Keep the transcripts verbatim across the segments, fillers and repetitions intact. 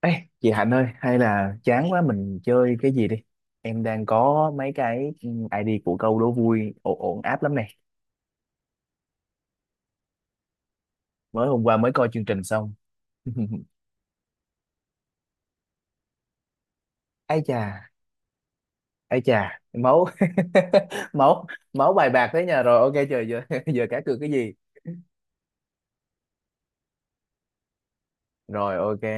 Ê, chị Hạnh ơi, hay là chán quá mình chơi cái gì đi. Em đang có mấy cái ừ, ai đi của câu đố vui ổn ổn áp lắm này. Mới hôm qua mới coi chương trình xong. Ai chà, ai chà, máu máu máu bài bạc thế nhà rồi. Ok trời giờ giờ cá cược cái gì? Rồi ok.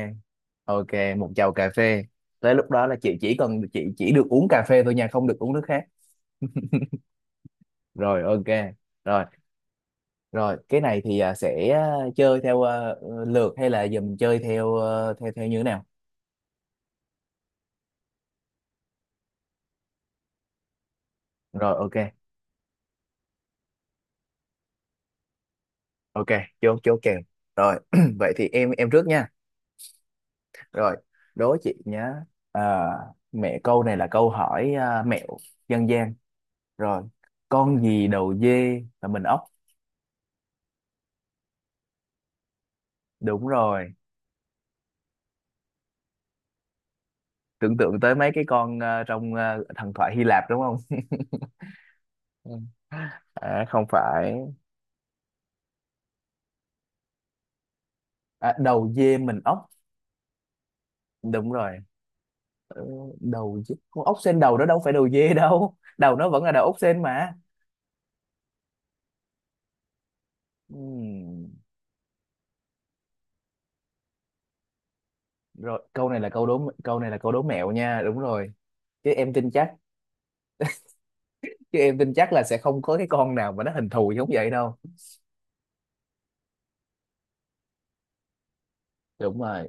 Ok, một chầu cà phê. Tới lúc đó là chị chỉ cần chị chỉ được uống cà phê thôi nha, không được uống nước khác. Rồi ok. Rồi, Rồi, cái này thì à, sẽ à, chơi theo à, lượt hay là giờ mình chơi theo à, theo theo như thế nào? Rồi, ok. Ok, chốt chốt kèo. Rồi, vậy thì em em trước nha. Rồi, đố chị nhá. À, mẹ câu này là câu hỏi à, mẹo dân gian. Rồi, con gì đầu dê là mình ốc? Đúng rồi. Tưởng tượng tới mấy cái con à, trong à, thần thoại Hy Lạp đúng không? Ừ. À, không phải. À, đầu dê mình ốc. Đúng rồi. Đầu chứ con ốc sên đầu đó đâu phải đầu dê đâu, đầu nó vẫn là đầu ốc sên mà. Ừm, rồi câu này là câu đố câu này là câu đố mẹo nha, đúng rồi. chứ em tin chắc Chứ em tin chắc là sẽ không có cái con nào mà nó hình thù giống vậy đâu. Đúng rồi.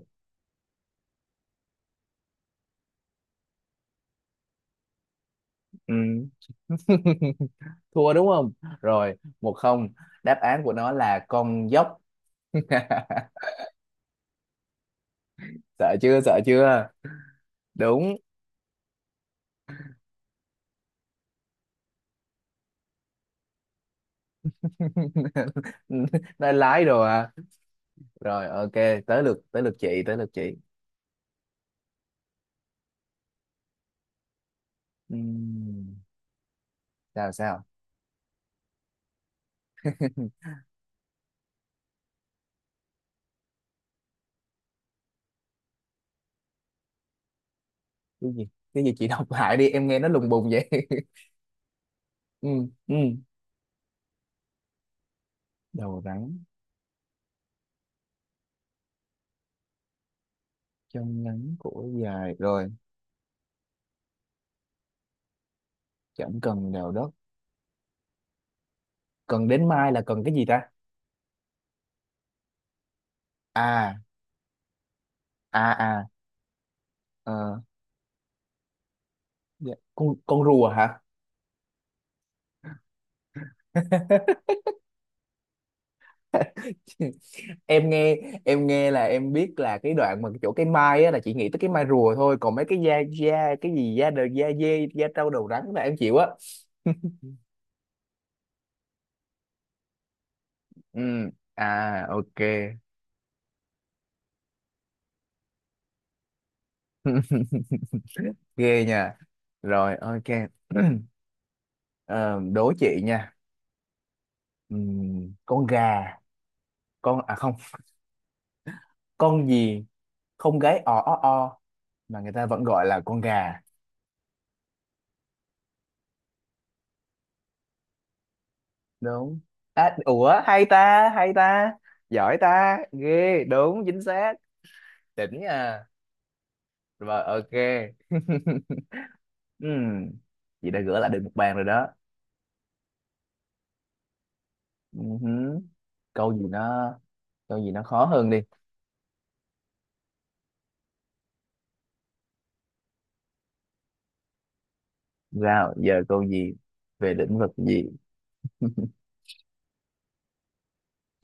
Ừm. Thua đúng không? Rồi một không. Đáp án của nó là con dốc. Sợ chưa, sợ chưa? Đúng. Nói lái đồ à. Rồi ok. Tới lượt tới lượt chị tới lượt chị. Ừm, sao sao. cái gì cái gì chị đọc lại đi, em nghe nó lùng bùng vậy. Ừ, ừ, đầu rắn, trong ngắn cổ dài rồi, chẳng cần đào đất. Cần đến mai là cần cái gì ta? À à à, ờ, dạ, con con rùa hả? em nghe em nghe là em biết là cái đoạn mà chỗ cái mai á là chị nghĩ tới cái mai rùa thôi, còn mấy cái da da cái gì da đầu da dê da trâu đầu rắn là em chịu á. Ừ, à ok. Ghê nha. Rồi ok. Ờ, đố chị nha. Ừm, con gà, con à không con gì không gáy o o o mà người ta vẫn gọi là con gà? Đúng. À, ủa hay ta, hay ta. Giỏi ta ghê, đúng, chính xác. Đỉnh nha. Rồi ok. Ừm, chị đã gỡ lại được một bàn rồi đó. Ừm, câu gì nó câu gì nó khó hơn đi. Sao giờ câu gì, về lĩnh vực gì?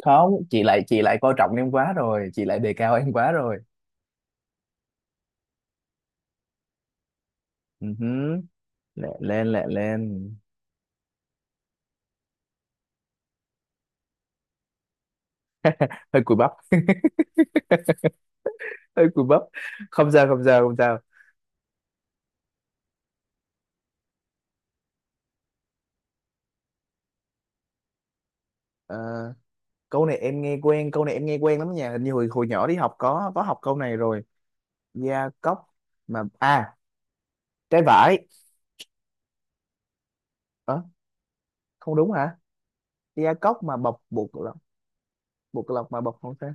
Không, chị lại chị lại coi trọng em quá rồi, chị lại đề cao em quá rồi. Ừ hứ, lẹ lên, lẹ lên. Hơi cùi bắp. Hơi cùi bắp. không sao không sao không sao. Ờ, câu này em nghe quen câu này em nghe quen lắm nha, hình như hồi hồi nhỏ đi học có có học câu này rồi. Da cốc mà, à, trái vải. Ờ, không đúng hả? Da cốc mà bọc bột lọc, bột lọc mà bọc, không sao.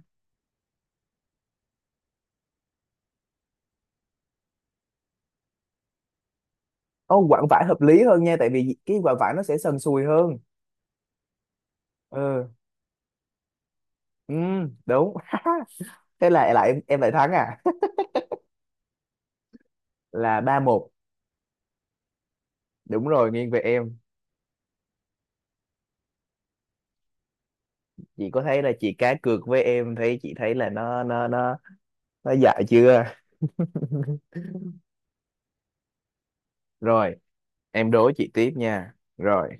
Ô quặng vải hợp lý hơn nha, tại vì cái quặng vải nó sẽ sần sùi hơn. Ừ, ừ, đúng. Thế là lại em em lại thắng à? Là ba một. Đúng rồi, nghiêng về em. Chị có thấy là chị cá cược với em, thấy chị thấy là nó nó nó nó dại chưa? Rồi em đố chị tiếp nha. Rồi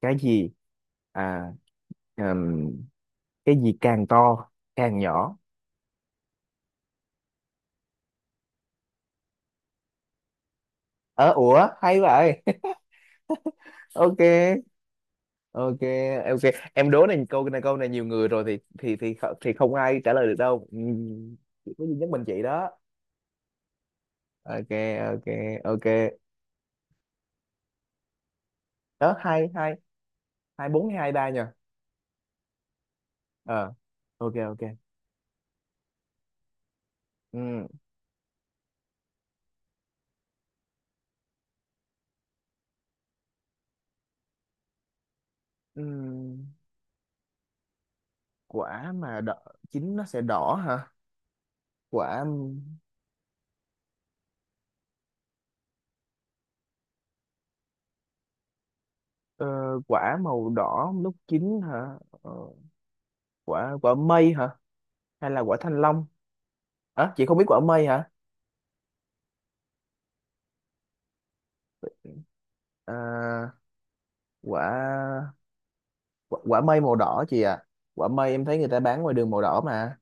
cái gì, à, ừm, cái gì càng to càng nhỏ? Ờ ủa hay vậy. Ok, ok, ok. Em đố này, câu này câu này nhiều người rồi thì thì thì kh- thì không ai trả lời được đâu. Ừm, chỉ có duy nhất mình chị đó. Ok, ok, ok. Đó hai hai. Hai bốn hay hai ba nhờ? Ờ ok, ok. Ừ. Ừm, quả mà đỏ, chín nó sẽ đỏ hả? Quả, ờ, quả màu đỏ lúc chín hả? Ờ, quả quả mây hả? Hay là quả thanh long? À, chị không biết quả mây hả? À, quả, quả quả mây màu đỏ chị ạ. Quả mây em thấy người ta bán ngoài đường màu đỏ mà.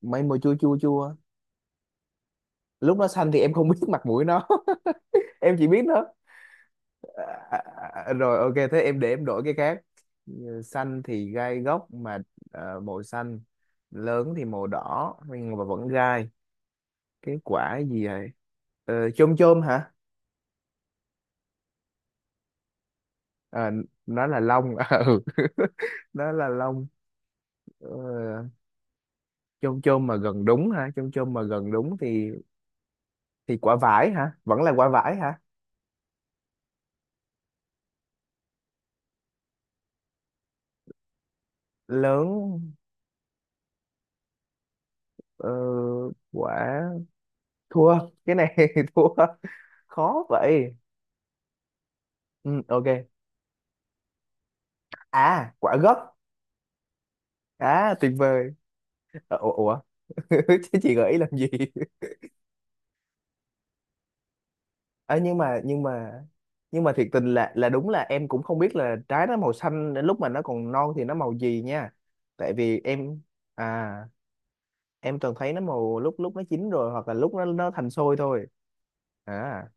Mây màu chua chua chua. Lúc nó xanh thì em không biết mặt mũi nó. Em chỉ biết nó. À, à, à, à, rồi ok, thế em để em đổi cái khác. Ừ, xanh thì gai góc mà. Ờ, màu xanh, lớn thì màu đỏ nhưng mà vẫn gai. Cái quả gì vậy? Ờ, chôm chôm hả? Ờ, nó là long. Ừ, nó là long. Ờ, chôm chôm mà gần đúng hả, chôm chôm mà gần đúng thì thì quả vải hả, vẫn là quả vải hả? Lớn, ờ, quả, thua cái này. Thua, khó vậy. Ừ, ok. À quả gấc. À tuyệt vời. Ờ, ủa, ủa? Chứ chị gợi ý làm gì? Ờ, nhưng mà nhưng mà nhưng mà thiệt tình là là đúng là em cũng không biết là trái nó màu xanh đến lúc mà nó còn non thì nó màu gì nha. Tại vì em, à em toàn thấy nó màu lúc lúc nó chín rồi hoặc là lúc nó nó thành xôi thôi. À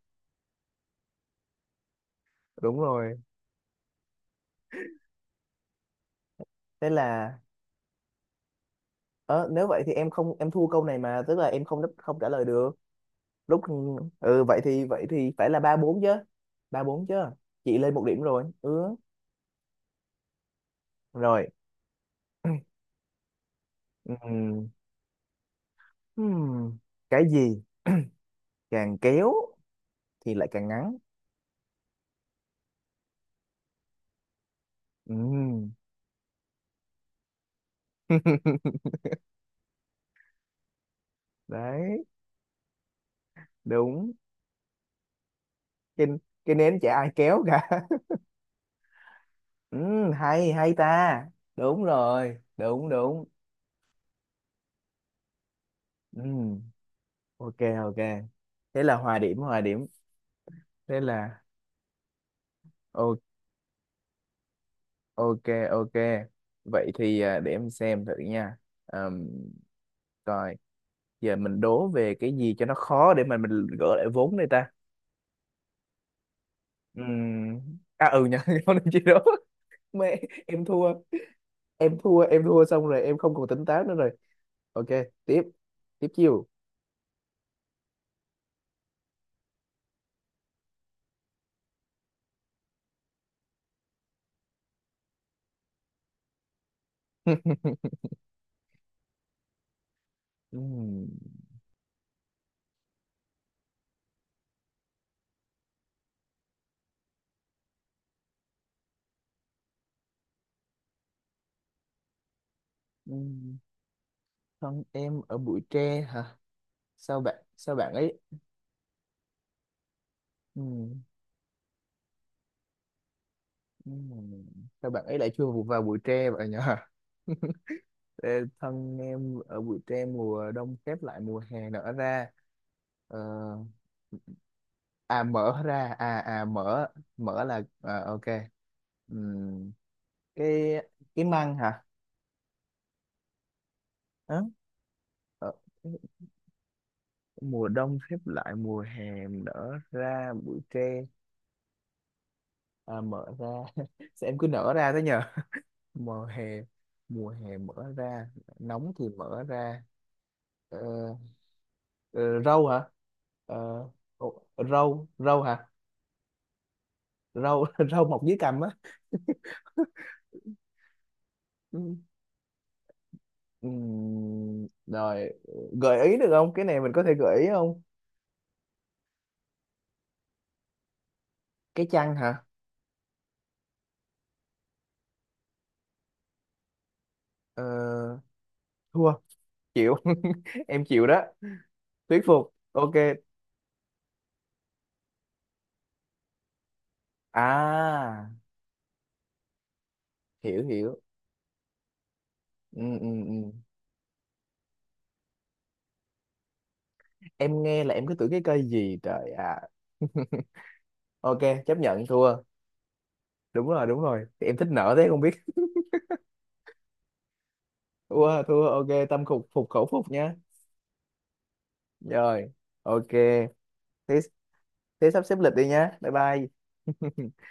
đúng rồi. Thế là ờ, nếu vậy thì em không, em thua câu này, mà tức là em không đáp-, không trả lời được. Lúc ừ vậy thì vậy thì phải là ba bốn chứ. Ba bốn chứ. Chị lên một điểm rồi. Ừ rồi. Ừm, hmm, cái gì càng kéo thì lại càng ngắn. Ừm. Đấy, đúng. Cái, cái nến chả ai kéo cả. Ừm, hay hay ta. Đúng rồi, đúng đúng. Ừm, ok ok. Thế là hòa điểm hòa điểm. Thế là o-, ok ok. Vậy thì à, để em xem thử nha. Ờm, coi giờ mình đố về cái gì cho nó khó để mà mình gỡ lại vốn đây ta. Ừm, À ừ nha, không nên chi đố. Mẹ em thua, em thua em thua xong rồi em không còn tỉnh táo nữa rồi. Ok, tiếp, tiếp chiêu. Ừm, ừm, thân em ở bụi tre hả? Sao bạn sao bạn ấy, ừm, ừm, sao bạn ấy lại chui vào vào bụi tre vậy nhở? Ê, thân em ở bụi tre, mùa đông khép lại mùa hè nở ra. Ờ, à mở ra, à à mở, mở là à, ok. Ừm, cái cái măng hả? Đó, ờ, mùa đông khép lại mùa hè nở ra bụi tre. À, mở ra. Sao em cứ nở ra thế nhờ. mùa hè Mùa hè mở ra, nóng thì mở ra. Ờ, ờ, râu hả? Ờ, ồ, râu râu hả? Râu râu mọc dưới cằm á. Ừ. Ừm, rồi, gợi ý được không, cái này mình có thể gợi ý không? Cái chăn hả? Ờ, thua, chịu. Em chịu đó. Thuyết phục ok. À, hiểu hiểu. Ừ, ừ, ừ. Em nghe là em cứ tưởng cái cây gì trời à. Ok, chấp nhận thua. Đúng rồi, đúng rồi, em thích nở thế không biết. Thua, thua, ok, tâm phục phục khẩu phục nhá. Rồi ok. Thế, thế sắp xếp lịch đi nhá, bye bye.